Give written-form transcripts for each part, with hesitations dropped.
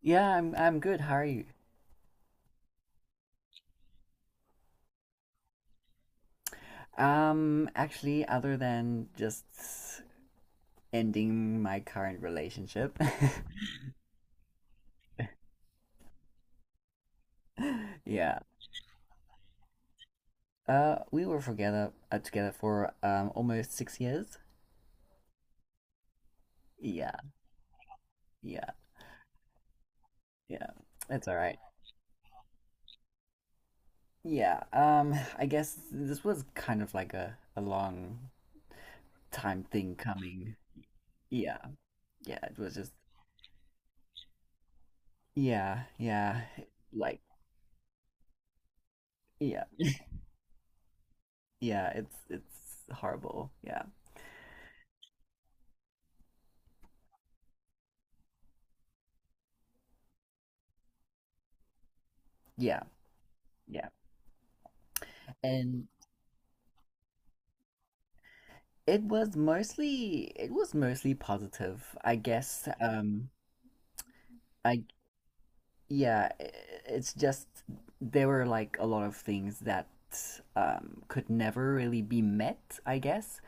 Yeah, I'm good. How are you? Actually, other than just ending my current relationship. Yeah. We were together together for almost 6 years. Yeah, yeah, yeah. It's all right. Yeah. I guess this was kind of like a long time thing coming. Yeah, yeah. It was just yeah, yeah. Like yeah, yeah. It's horrible. Yeah, yeah, yeah. It was mostly positive, I guess. I Yeah, it's just there were like a lot of things that could never really be met, I guess.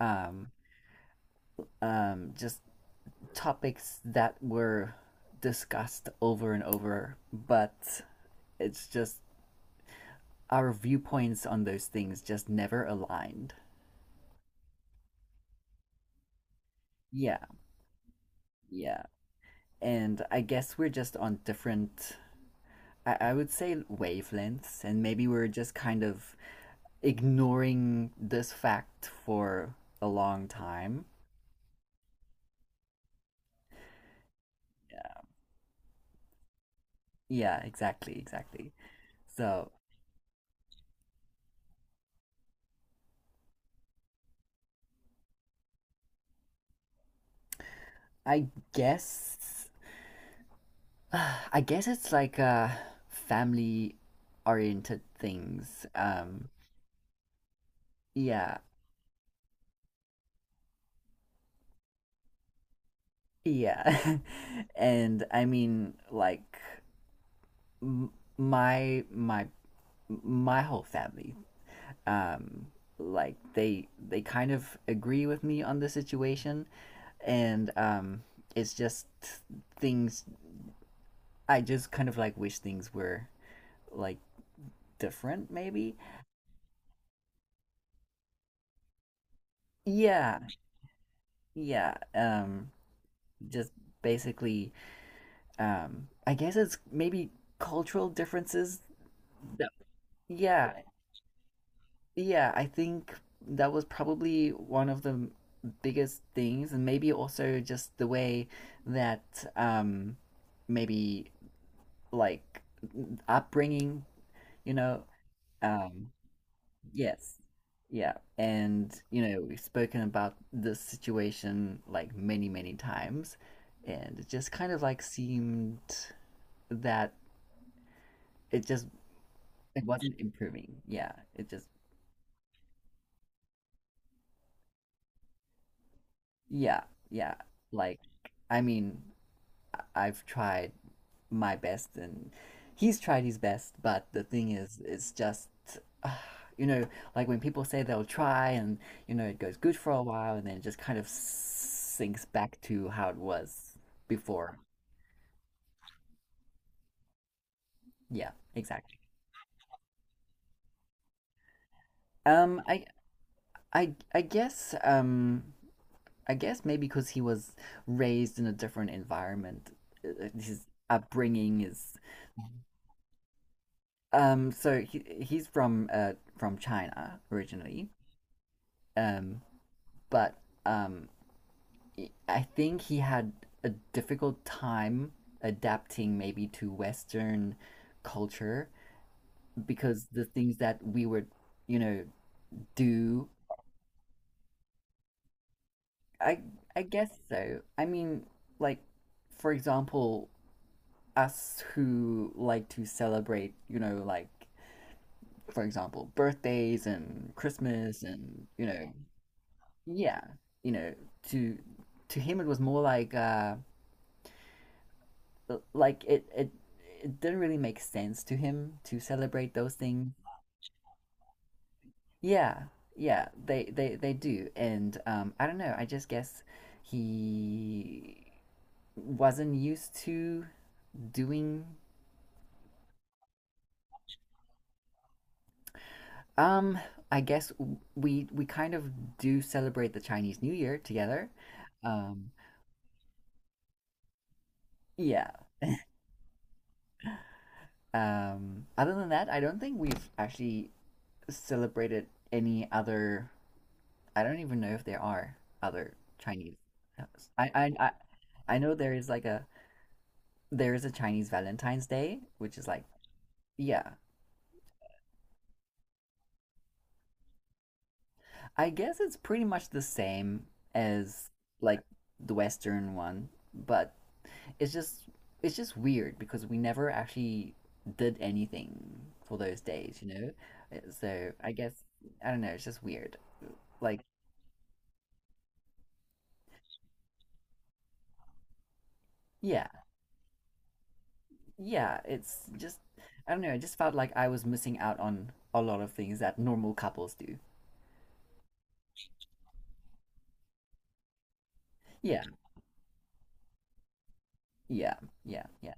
Um, just topics that were discussed over and over, but it's just our viewpoints on those things just never aligned. Yeah, yeah. And I guess we're just on different I would say wavelengths, and maybe we're just kind of ignoring this fact for a long time. Yeah. Yeah, exactly, exactly. So I guess I guess it's like family oriented things. Yeah. Yeah. And I mean like m- my my my whole family. um, like they kind of agree with me on the situation, and it's just things. I just kind of like wish things were like different, maybe. Yeah, yeah. Just basically, I guess it's maybe cultural differences. that- Yeah, yeah. I think that was probably one of the biggest things, and maybe also just the way that maybe like upbringing, you know. Um, yes, yeah, and you know we've spoken about this situation like many many times, and it just kind of like seemed that it just it wasn't improving. Yeah, it just yeah, yeah. Like I mean I've tried my best and he's tried his best, but the thing is it's just ah, you know, like when people say they'll try, and you know it goes good for a while and then it just kind of sinks back to how it was before. Yeah, exactly. Um i i i guess I guess maybe because he was raised in a different environment. His upbringing is so he's from China originally, um but um I think he had a difficult time adapting maybe to Western culture because the things that we would, you know, do. I I guess so. I mean, like for example, us who like to celebrate, you know, like for example, birthdays and Christmas and you know, yeah, you know, to to him it was more like it didn't really make sense to him to celebrate those things. Yeah, yeah, they do, and I don't know. I just guess he wasn't used to doing. Um, I guess we kind of do celebrate the Chinese New Year together. Um, yeah. Other than that, I don't think we've actually celebrated any other. I don't even know if there are other Chinese. I I I, I know there is like a there is a Chinese Valentine's Day, which is like yeah. I guess it's pretty much the same as like the Western one, but it's just it's just weird because we never actually did anything for those days, you know? So I guess I don't know, it's just weird. Like yeah, yeah, it's just I don't know, I just felt like I was missing out on a lot of things that normal couples do. Yeah, yeah, yeah, yeah,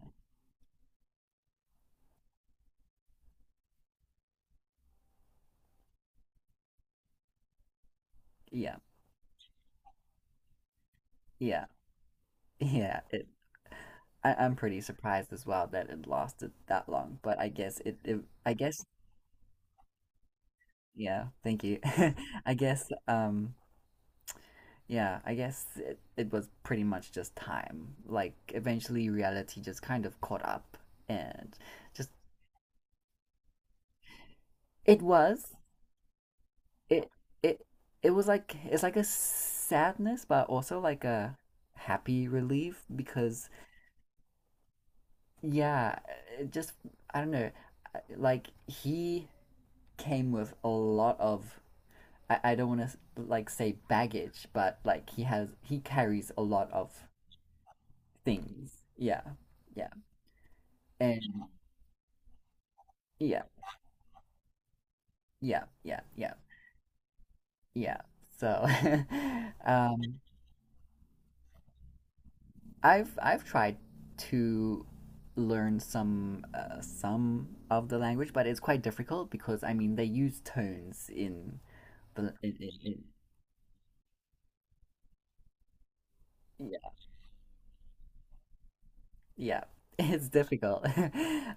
yeah, yeah, yeah. I'm pretty surprised as well that it lasted that long, but I guess it, it I guess yeah, thank you. I guess um yeah, I guess it was pretty much just time. Like eventually reality just kind of caught up. And just it was it it it was like it's like a sadness but also like a happy relief because yeah it just I don't know, like he came with a lot of I don't want to like say baggage but like he carries a lot of things. Yeah, yeah, and yeah, yeah, yeah, yeah, yeah, so. um I've tried to learn some of the language, but it's quite difficult because I mean they use tones in the in yeah, yeah. It's difficult.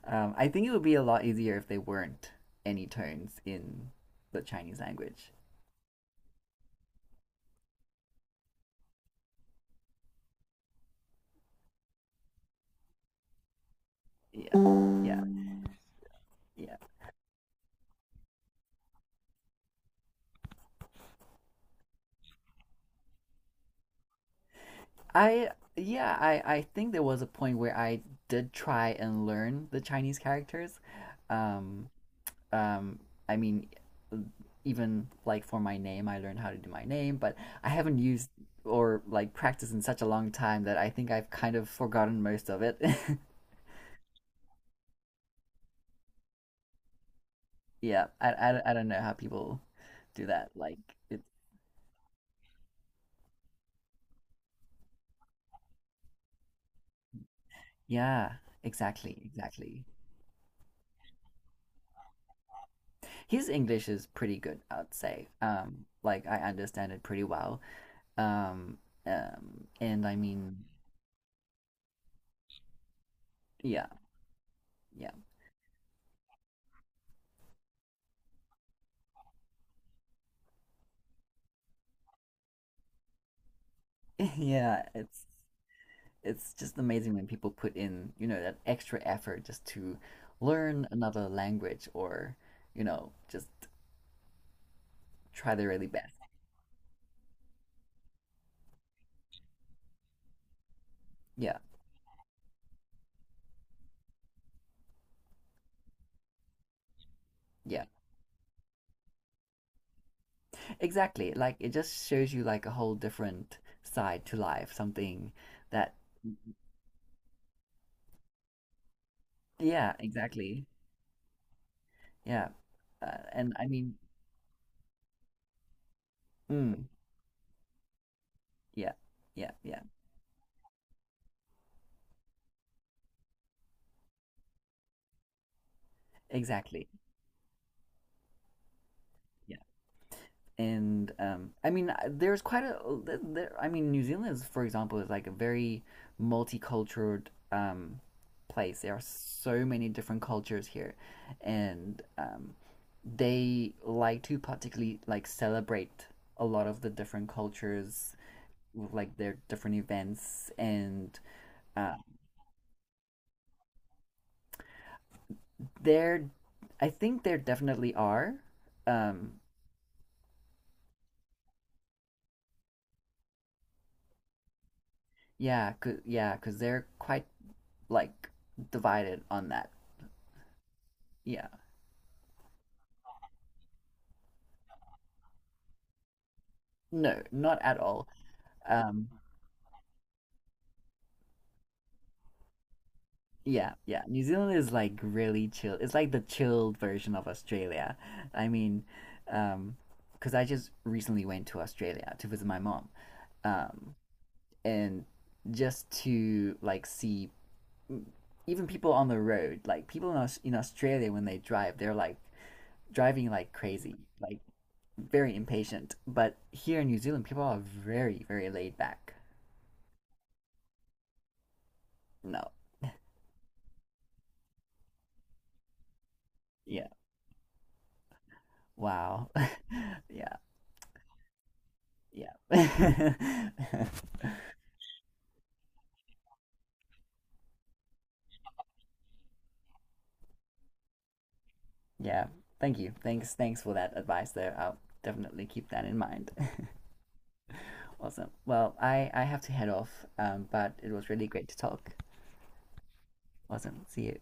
I think it would be a lot easier if they weren't any tones in the Chinese language. Yeah, yeah, yeah. I Yeah, I think there was a point where I did try and learn the Chinese characters. Um, um, I mean, even like for my name, I learned how to do my name, but I haven't used or like practiced in such a long time that I think I've kind of forgotten most of it. Yeah, I don't know how people do that. Like, it, yeah, exactly, exactly. His English is pretty good, I'd say. Like I understand it pretty well. Um, and I mean, yeah, yeah, yeah. It's just amazing when people put in, you know, that extra effort just to learn another language, or, you know, just try their really best. Yeah, yeah, exactly. Like it just shows you like a whole different side to life, something that, yeah, exactly. Yeah. And I mean, mm, yeah, yeah, yeah, exactly. Yeah. and I mean, there's quite a. there- I mean, New Zealand is, for example, is like a very multicultural um, place. There are so many different cultures here, and they like to particularly like celebrate a lot of the different cultures with like their different events, and uh, they I think there definitely are. Um, yeah, cause, yeah, because they're quite like divided on that. Yeah. No, not at all. Um, yeah, yeah. New Zealand is like really chill. It's like the chilled version of Australia. I mean, um, because I just recently went to Australia to visit my mom, um, and just to like see even people on the road, like people in Australia, when they drive, they're like driving like crazy, like very impatient. But here in New Zealand, people are very, very laid back. No, yeah, wow, yeah. Yeah. Yeah. Thank you. Thanks. Thanks for that advice there. I'll definitely keep that in mind. Awesome. Well, I have to head off. But it was really great to talk. Awesome. See you.